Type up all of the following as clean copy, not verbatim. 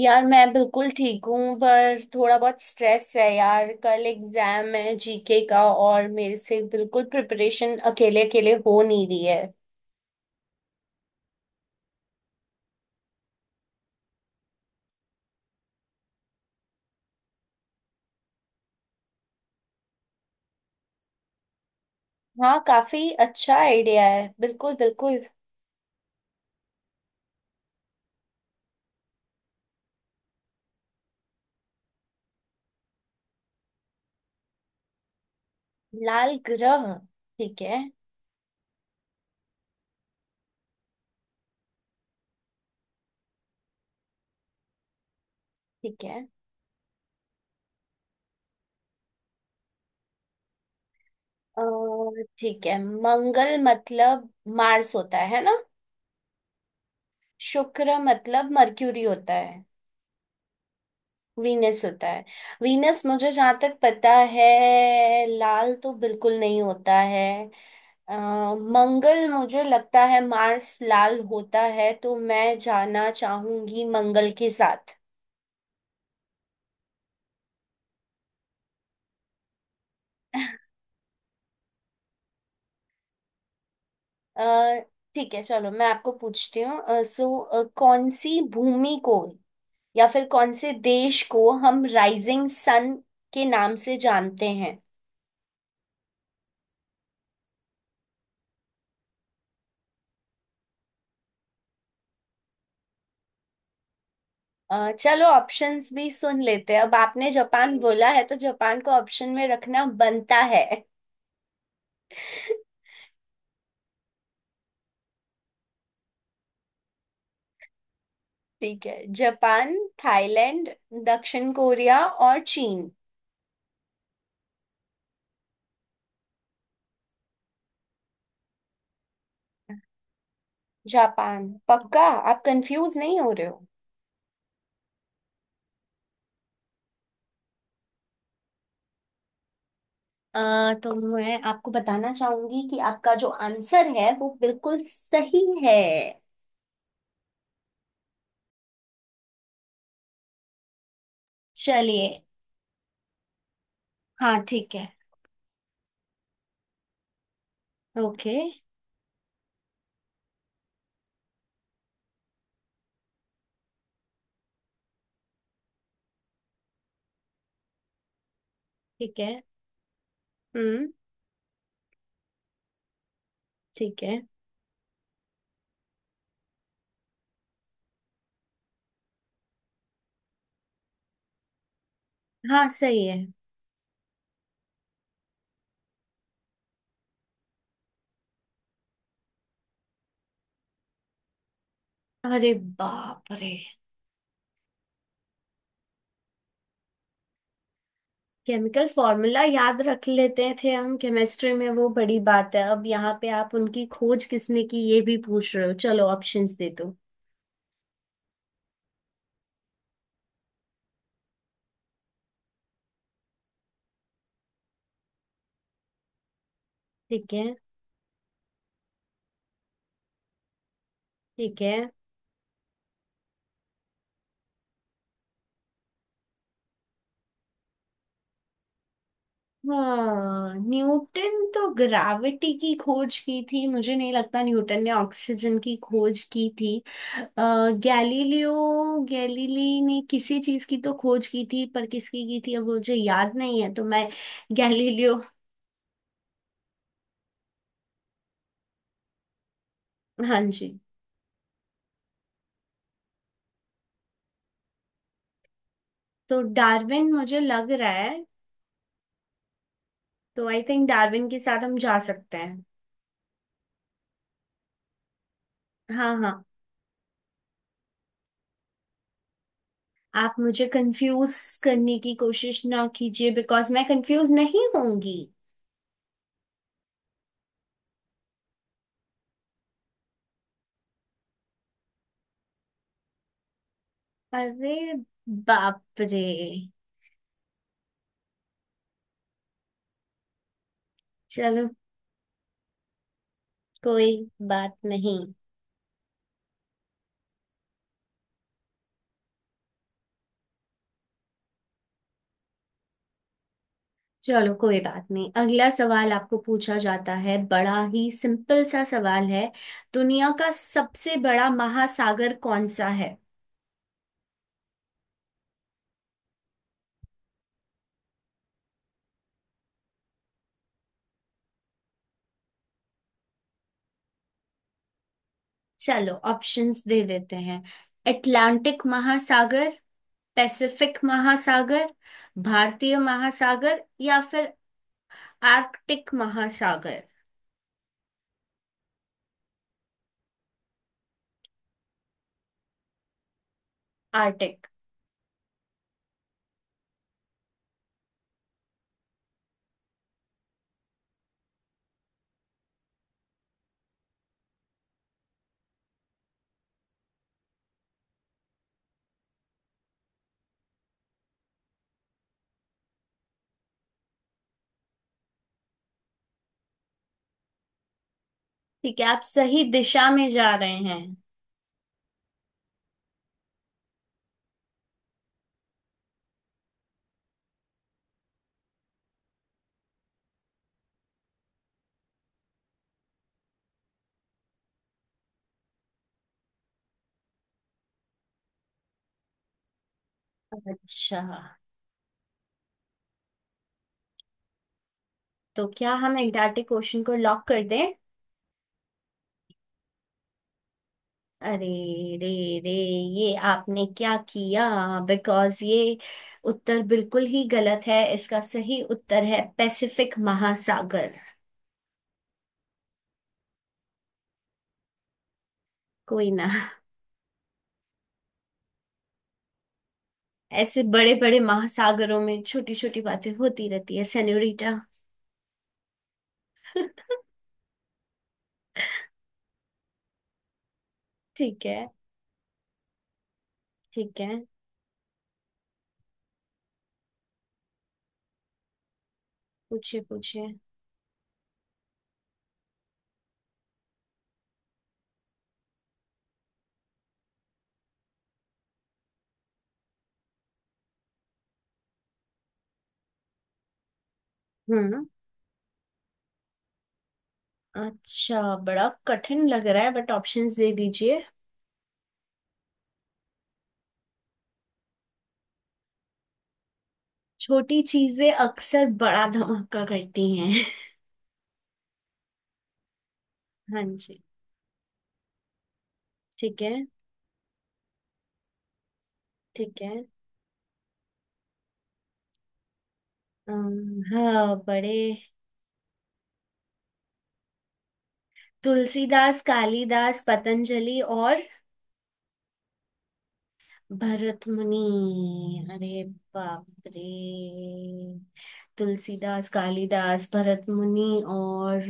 यार मैं बिल्कुल ठीक हूँ, पर थोड़ा बहुत स्ट्रेस है। यार, कल एग्जाम है जीके का, और मेरे से बिल्कुल प्रिपरेशन अकेले अकेले हो नहीं रही है। हाँ, काफी अच्छा आइडिया है, बिल्कुल बिल्कुल। लाल ग्रह। ठीक है। ठीक है। और ठीक है, मंगल मतलब मार्स होता है ना? शुक्र मतलब मर्क्यूरी होता है? वीनस होता है? वीनस मुझे जहाँ तक पता है, लाल तो बिल्कुल नहीं होता है। अ, मंगल, मुझे लगता है मार्स लाल होता है, तो मैं जाना चाहूंगी मंगल के साथ। अ, ठीक है, चलो मैं आपको पूछती हूँ। सो कौन सी भूमि को, या फिर कौन से देश को हम राइजिंग सन के नाम से जानते हैं? चलो, ऑप्शंस भी सुन लेते हैं। अब आपने जापान बोला है तो जापान को ऑप्शन में रखना बनता है। ठीक है, जापान, थाईलैंड, दक्षिण कोरिया और चीन। जापान पक्का? आप कंफ्यूज नहीं हो रहे हो? अ, तो मैं आपको बताना चाहूंगी कि आपका जो आंसर है वो बिल्कुल सही है। चलिए। हाँ, ठीक है। ओके। ठीक है। हम्म। ठीक है। हाँ, सही है। अरे बाप रे! केमिकल फॉर्मूला याद रख लेते थे हम केमिस्ट्री में, वो बड़ी बात है, अब यहाँ पे आप उनकी खोज किसने की ये भी पूछ रहे हो। चलो ऑप्शंस दे दो। ठीक है। ठीक है। हाँ, न्यूटन तो ग्रेविटी की खोज की थी, मुझे नहीं लगता न्यूटन ने ऑक्सीजन की खोज की थी। अ, गैलीलियो गैलीली ने किसी चीज की तो खोज की थी, पर किसकी की थी अब मुझे याद नहीं है, तो मैं... गैलीलियो। हाँ जी। तो डार्विन मुझे लग रहा है। तो आई थिंक डार्विन के साथ हम जा सकते हैं। हाँ हाँ। आप मुझे कंफ्यूज करने की कोशिश ना कीजिए, बिकॉज मैं कंफ्यूज नहीं होंगी। अरे बाप रे! चलो कोई बात नहीं। चलो कोई बात नहीं, अगला सवाल आपको पूछा जाता है, बड़ा ही सिंपल सा सवाल है। दुनिया का सबसे बड़ा महासागर कौन सा है? चलो ऑप्शंस दे देते हैं। अटलांटिक महासागर, पैसिफिक महासागर, भारतीय महासागर, या फिर आर्कटिक महासागर। आर्टिक। ठीक है, आप सही दिशा में जा रहे हैं। अच्छा, तो क्या हम एंटार्क्टिक ओशन को लॉक कर दें? अरे रे रे, ये आपने क्या किया! बिकॉज ये उत्तर बिल्कुल ही गलत है, इसका सही उत्तर है पैसिफिक महासागर। कोई ना, ऐसे बड़े बड़े महासागरों में छोटी छोटी बातें होती रहती है, सेन्योरिटा। ठीक है। ठीक है। पूछिए पूछिए। हम्म। अच्छा, बड़ा कठिन लग रहा है, बट ऑप्शंस दे दीजिए। छोटी चीजें अक्सर बड़ा धमाका करती हैं। हाँ जी। ठीक है। ठीक है। हाँ, बड़े... तुलसीदास, कालिदास, पतंजलि और भरतमुनि। अरे बाप रे! तुलसीदास, कालिदास, भरतमुनि और...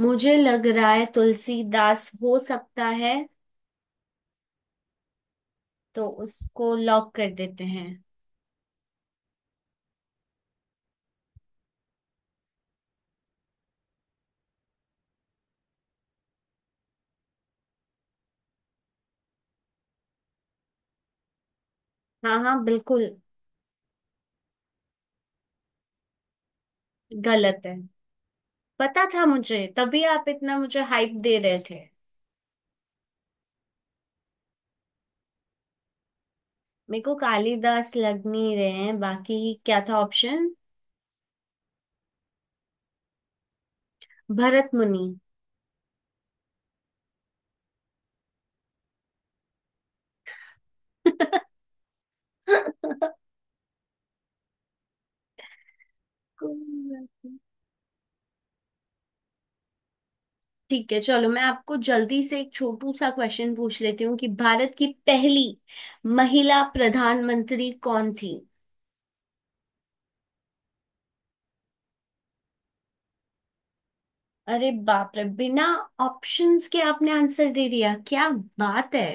मुझे लग रहा है तुलसीदास हो सकता है। तो उसको लॉक कर देते हैं। हाँ हाँ, बिल्कुल। गलत है? पता था मुझे, तभी आप इतना मुझे हाइप दे रहे थे। मेरे को कालिदास लग नहीं रहे हैं, बाकी क्या था ऑप्शन? भरत मुनि। कोई बात नहीं। ठीक है, चलो मैं आपको जल्दी से एक छोटू सा क्वेश्चन पूछ लेती हूँ कि भारत की पहली महिला प्रधानमंत्री कौन थी? अरे बाप रे! बिना ऑप्शंस के आपने आंसर दे दिया, क्या बात है!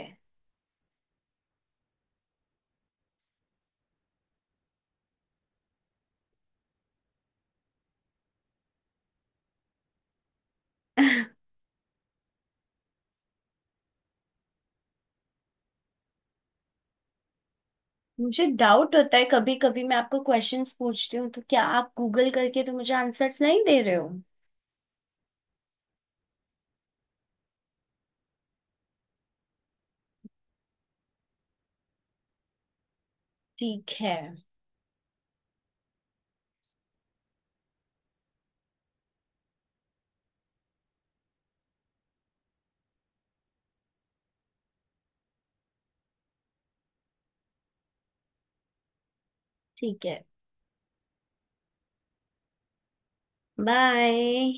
मुझे डाउट होता है कभी कभी, मैं आपको क्वेश्चंस पूछती हूँ तो क्या आप गूगल करके तो मुझे आंसर्स नहीं दे रहे हो? ठीक है। ठीक है। बाय।